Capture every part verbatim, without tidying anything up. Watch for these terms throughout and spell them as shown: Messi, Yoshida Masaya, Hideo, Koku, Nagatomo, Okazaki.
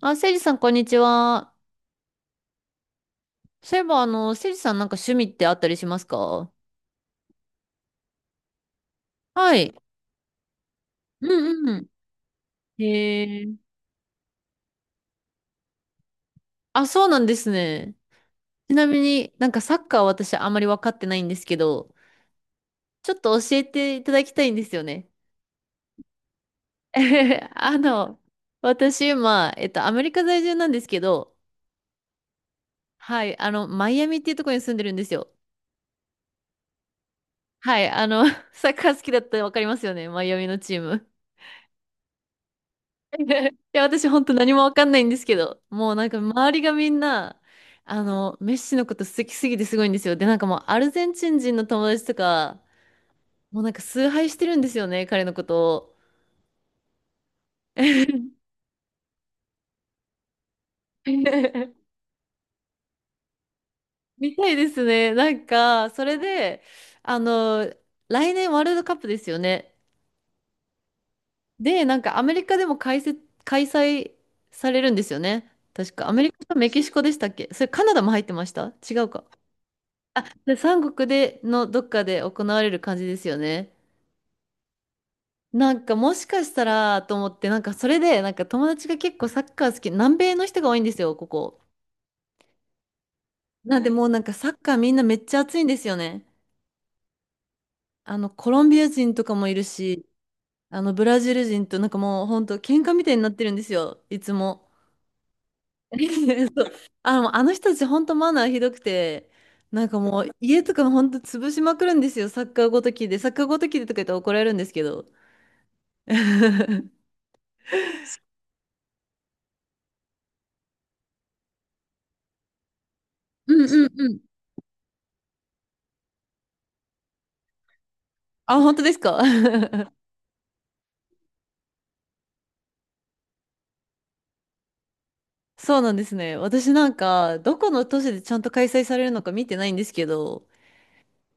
あ、せいじさん、こんにちは。そういえば、あの、せいじさん、なんか趣味ってあったりしますか？はい。うんうん。へえ。あ、そうなんですね。ちなみになんかサッカーは私あんまり分かってないんですけど、ちょっと教えていただきたいんですよね。あの、私今、えっと、アメリカ在住なんですけど、はい、あの、マイアミっていうところに住んでるんですよ。はい、あの、サッカー好きだったら分かりますよね、マイアミのチーム。いや、私本当何もわかんないんですけど、もうなんか周りがみんな、あの、メッシのこと好きすぎてすごいんですよ。で、なんかもうアルゼンチン人の友達とか、もうなんか崇拝してるんですよね、彼のことを。みたいですね。なんか、それで、あの、来年ワールドカップですよね。で、なんかアメリカでも開設、開催されるんですよね。確か、アメリカとメキシコでしたっけ？それカナダも入ってました？違うか。あ、で、三国でのどっかで行われる感じですよね。なんかもしかしたらと思って、なんかそれで、なんか友達が結構サッカー好き、南米の人が多いんですよ、ここ。なんでもうなんかサッカーみんなめっちゃ熱いんですよね。あの、コロンビア人とかもいるし、あの、ブラジル人となんかもうほんと喧嘩みたいになってるんですよ、いつも。そう、あの、あの人たちほんとマナーひどくて、なんかもう家とかほんと潰しまくるんですよ、サッカーごときで。サッカーごときでとか言ったら怒られるんですけど。うんうんうん。あ、本当ですか？ そうなんですね。私なんか、どこの都市でちゃんと開催されるのか見てないんですけど、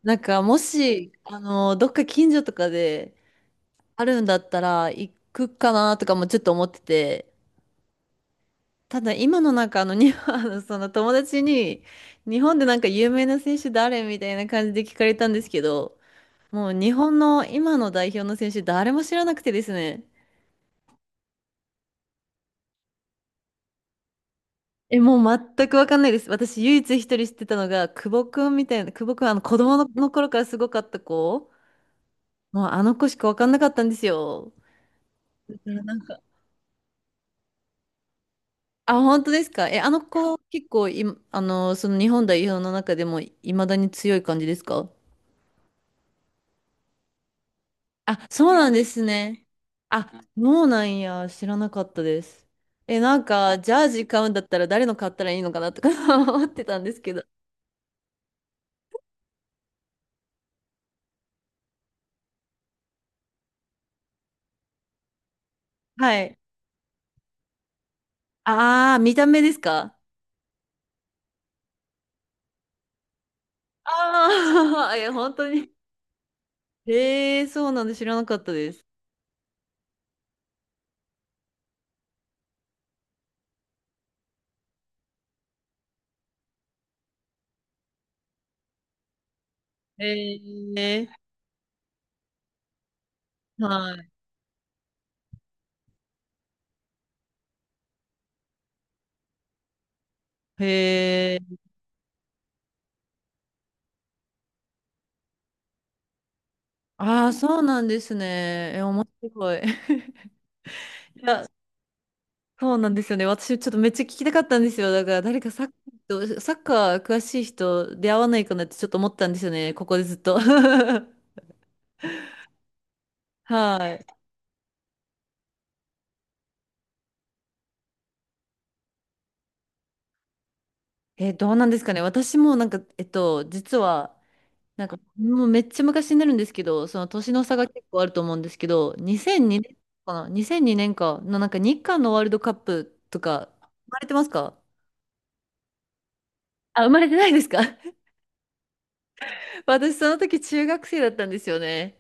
なんか、もし、あの、どっか近所とかであるんだったら、行くかなとかもちょっと思ってて、ただ今のなんか、あの、に あのその友達に、日本でなんか有名な選手誰みたいな感じで聞かれたんですけど、もう日本の今の代表の選手誰も知らなくてですね。え、もう全くわかんないです。私、唯一一人知ってたのが、久保くんみたいな、久保くん、あの、子供の頃からすごかった子、もうあの子しかわかんなかったんですよ。だからなんか、あ、本当ですか？え、あの子、結構い、あの、その日本代表の中でも、いまだに強い感じですか？あ、そうなんですね。あ、そうなんや、知らなかったです。え、なんか、ジャージ買うんだったら誰の買ったらいいのかなとか 思ってたんですけど。はい。ああ、見た目ですか？ああ、いや、本当に。へえ、そうなんで知らなかったです。へえ、はい。へえ、ああ、そうなんですね。え、面白い。いや、そうなんですよね。私、ちょっとめっちゃ聞きたかったんですよ。だから、誰かサッカー、サッカー詳しい人出会わないかなってちょっと思ったんですよね。ここでずっと。はい。え、どうなんですかね。私もなんか、えっと、実は、なんか、もうめっちゃ昔になるんですけど、その年の差が結構あると思うんですけど、にせんにねんかな？ にせんに 年かのなんか日韓のワールドカップとか、生まれてますか？あ、生まれてないですか？ 私その時中学生だったんですよね。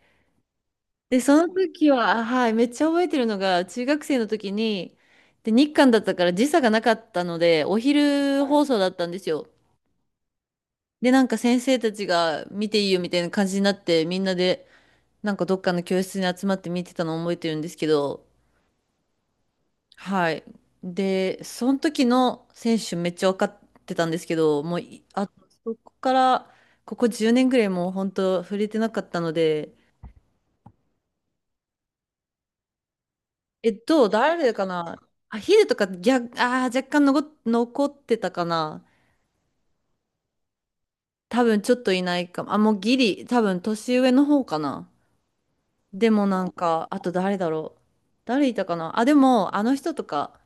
で、その時は、はい、めっちゃ覚えてるのが、中学生の時に、で、日韓だったから時差がなかったので、お昼放送だったんですよ。で、なんか先生たちが見ていいよみたいな感じになって、みんなで、なんかどっかの教室に集まって見てたのを覚えてるんですけど、はい。で、その時の選手めっちゃ分かってたんですけど、もうい、あ、そこから、ここじゅうねんぐらいもう本当触れてなかったので、え、っと誰かな。あ、ヒデとか逆、あー、若干残残ってたかな。多分ちょっといないかも。あ、もうギリ、多分年上の方かな。でもなんか、あと誰だろう、誰いたかな。あ、でも、あの人とか、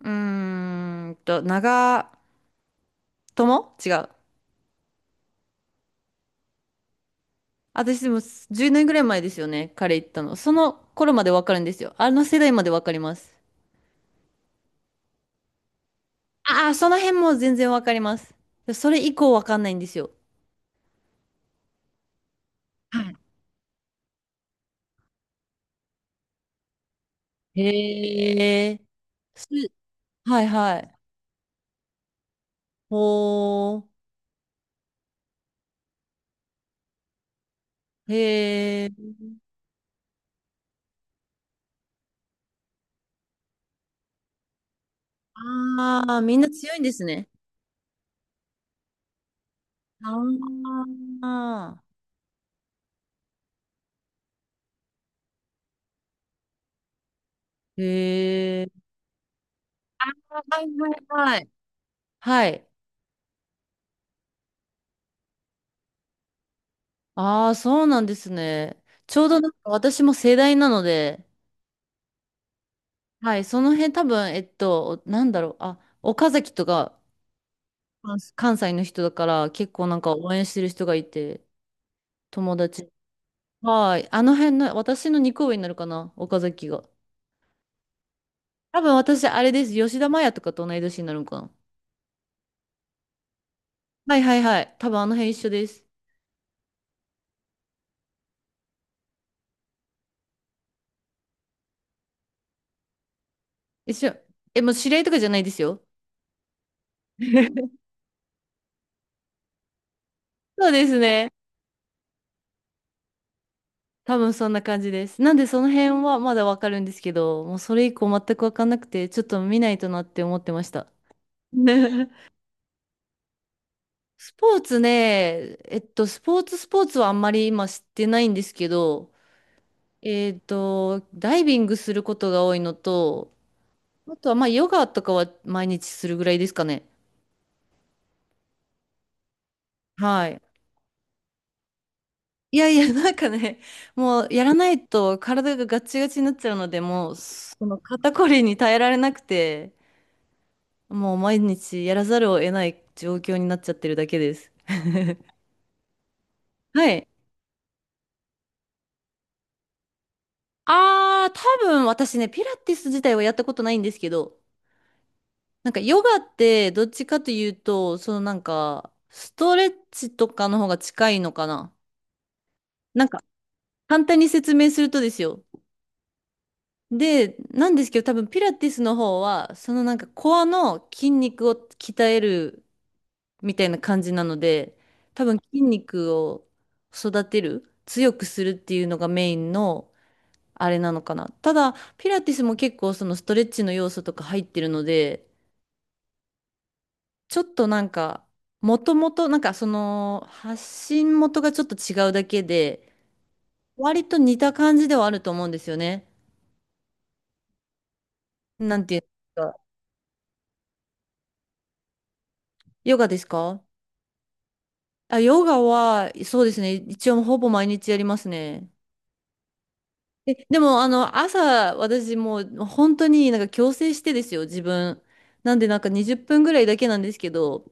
うーんと、長友違う。私でもじゅうねんぐらい前ですよね、彼行ったの。その頃までわかるんですよ。あの世代までわかります。ああ、その辺も全然わかります。それ以降わかんないんですよ。はい。へえ。すはいはい。ほー。へえ。ああ、みんな強いんですね。あーああ。へえ。はいはいはい。はい。ああ、そうなんですね。ちょうどなんか私も世代なので、はい、その辺多分、えっと、なんだろう、あ、岡崎とか関関西の人だから結構なんか応援してる人がいて、友達。はい、あの辺の、私のにこ上になるかな、岡崎が。多分私、あれです、吉田麻也とかと同い年になるのかな。はいはいはい、多分あの辺一緒です。一緒。え、もう知り合いとかじゃないですよ。そうですね。多分そんな感じです。なんでその辺はまだわかるんですけど、もうそれ以降全くわかんなくて、ちょっと見ないとなって思ってました。スポーツね、えっと、スポーツスポーツはあんまり今知ってないんですけど、えっと、ダイビングすることが多いのと、あとはまあヨガとかは毎日するぐらいですかね。はい。いやいや、なんかね、もうやらないと体がガチガチになっちゃうので、もうその肩こりに耐えられなくて、もう毎日やらざるを得ない状況になっちゃってるだけです。はい。あー、多分私ね、ピラティス自体はやったことないんですけど、なんかヨガってどっちかというと、そのなんかストレッチとかの方が近いのかな。なんか簡単に説明するとですよ。で、なんですけど多分ピラティスの方は、そのなんかコアの筋肉を鍛えるみたいな感じなので、多分筋肉を育てる、強くするっていうのがメインのあれなのかな。ただ、ピラティスも結構そのストレッチの要素とか入ってるので、ちょっとなんか、もともと、なんかその、発信元がちょっと違うだけで、割と似た感じではあると思うんですよね。なんていうんですか。ヨガですか？あ、ヨガは、そうですね。一応ほぼ毎日やりますね。え、でも、あの、朝、私もう本当になんか強制してですよ、自分。なんで、なんかにじゅっぷんぐらいだけなんですけど、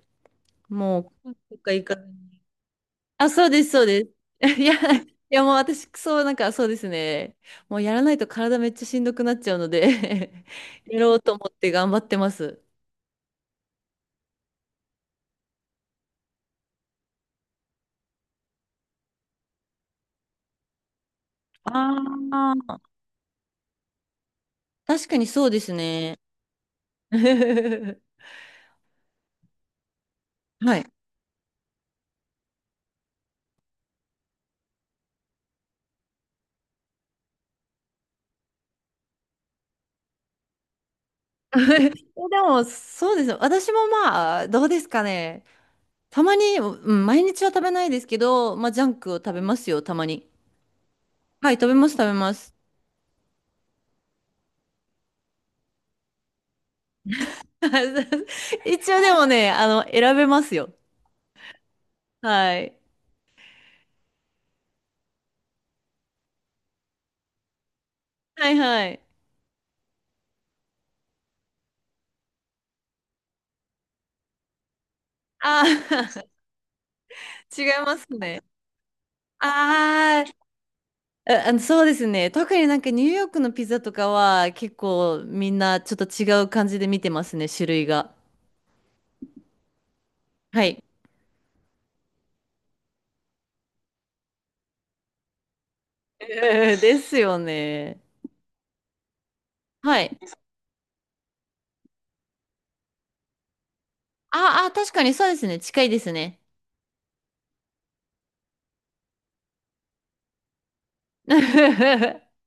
もう、どっか行かあ、そうです、そうです。いや、いやもう私、そう、なんかそうですね。もうやらないと体めっちゃしんどくなっちゃうので やろうと思って頑張ってます。ああ、確かにそうですね。はい。でも、そうですね。私もまあ、どうですかね。たまに、うん、毎日は食べないですけど、まあ、ジャンクを食べますよ、たまに。はい、食べます、食べます。一応でもね、あの、選べますよ。はい。はい、はい。あー 違いますね。あーあ、ああの、そうですね。特になんかニューヨークのピザとかは結構みんなちょっと違う感じで見てますね、種類が。はい。えーですよね。はい。ああ、確かにそうですね。近いですね。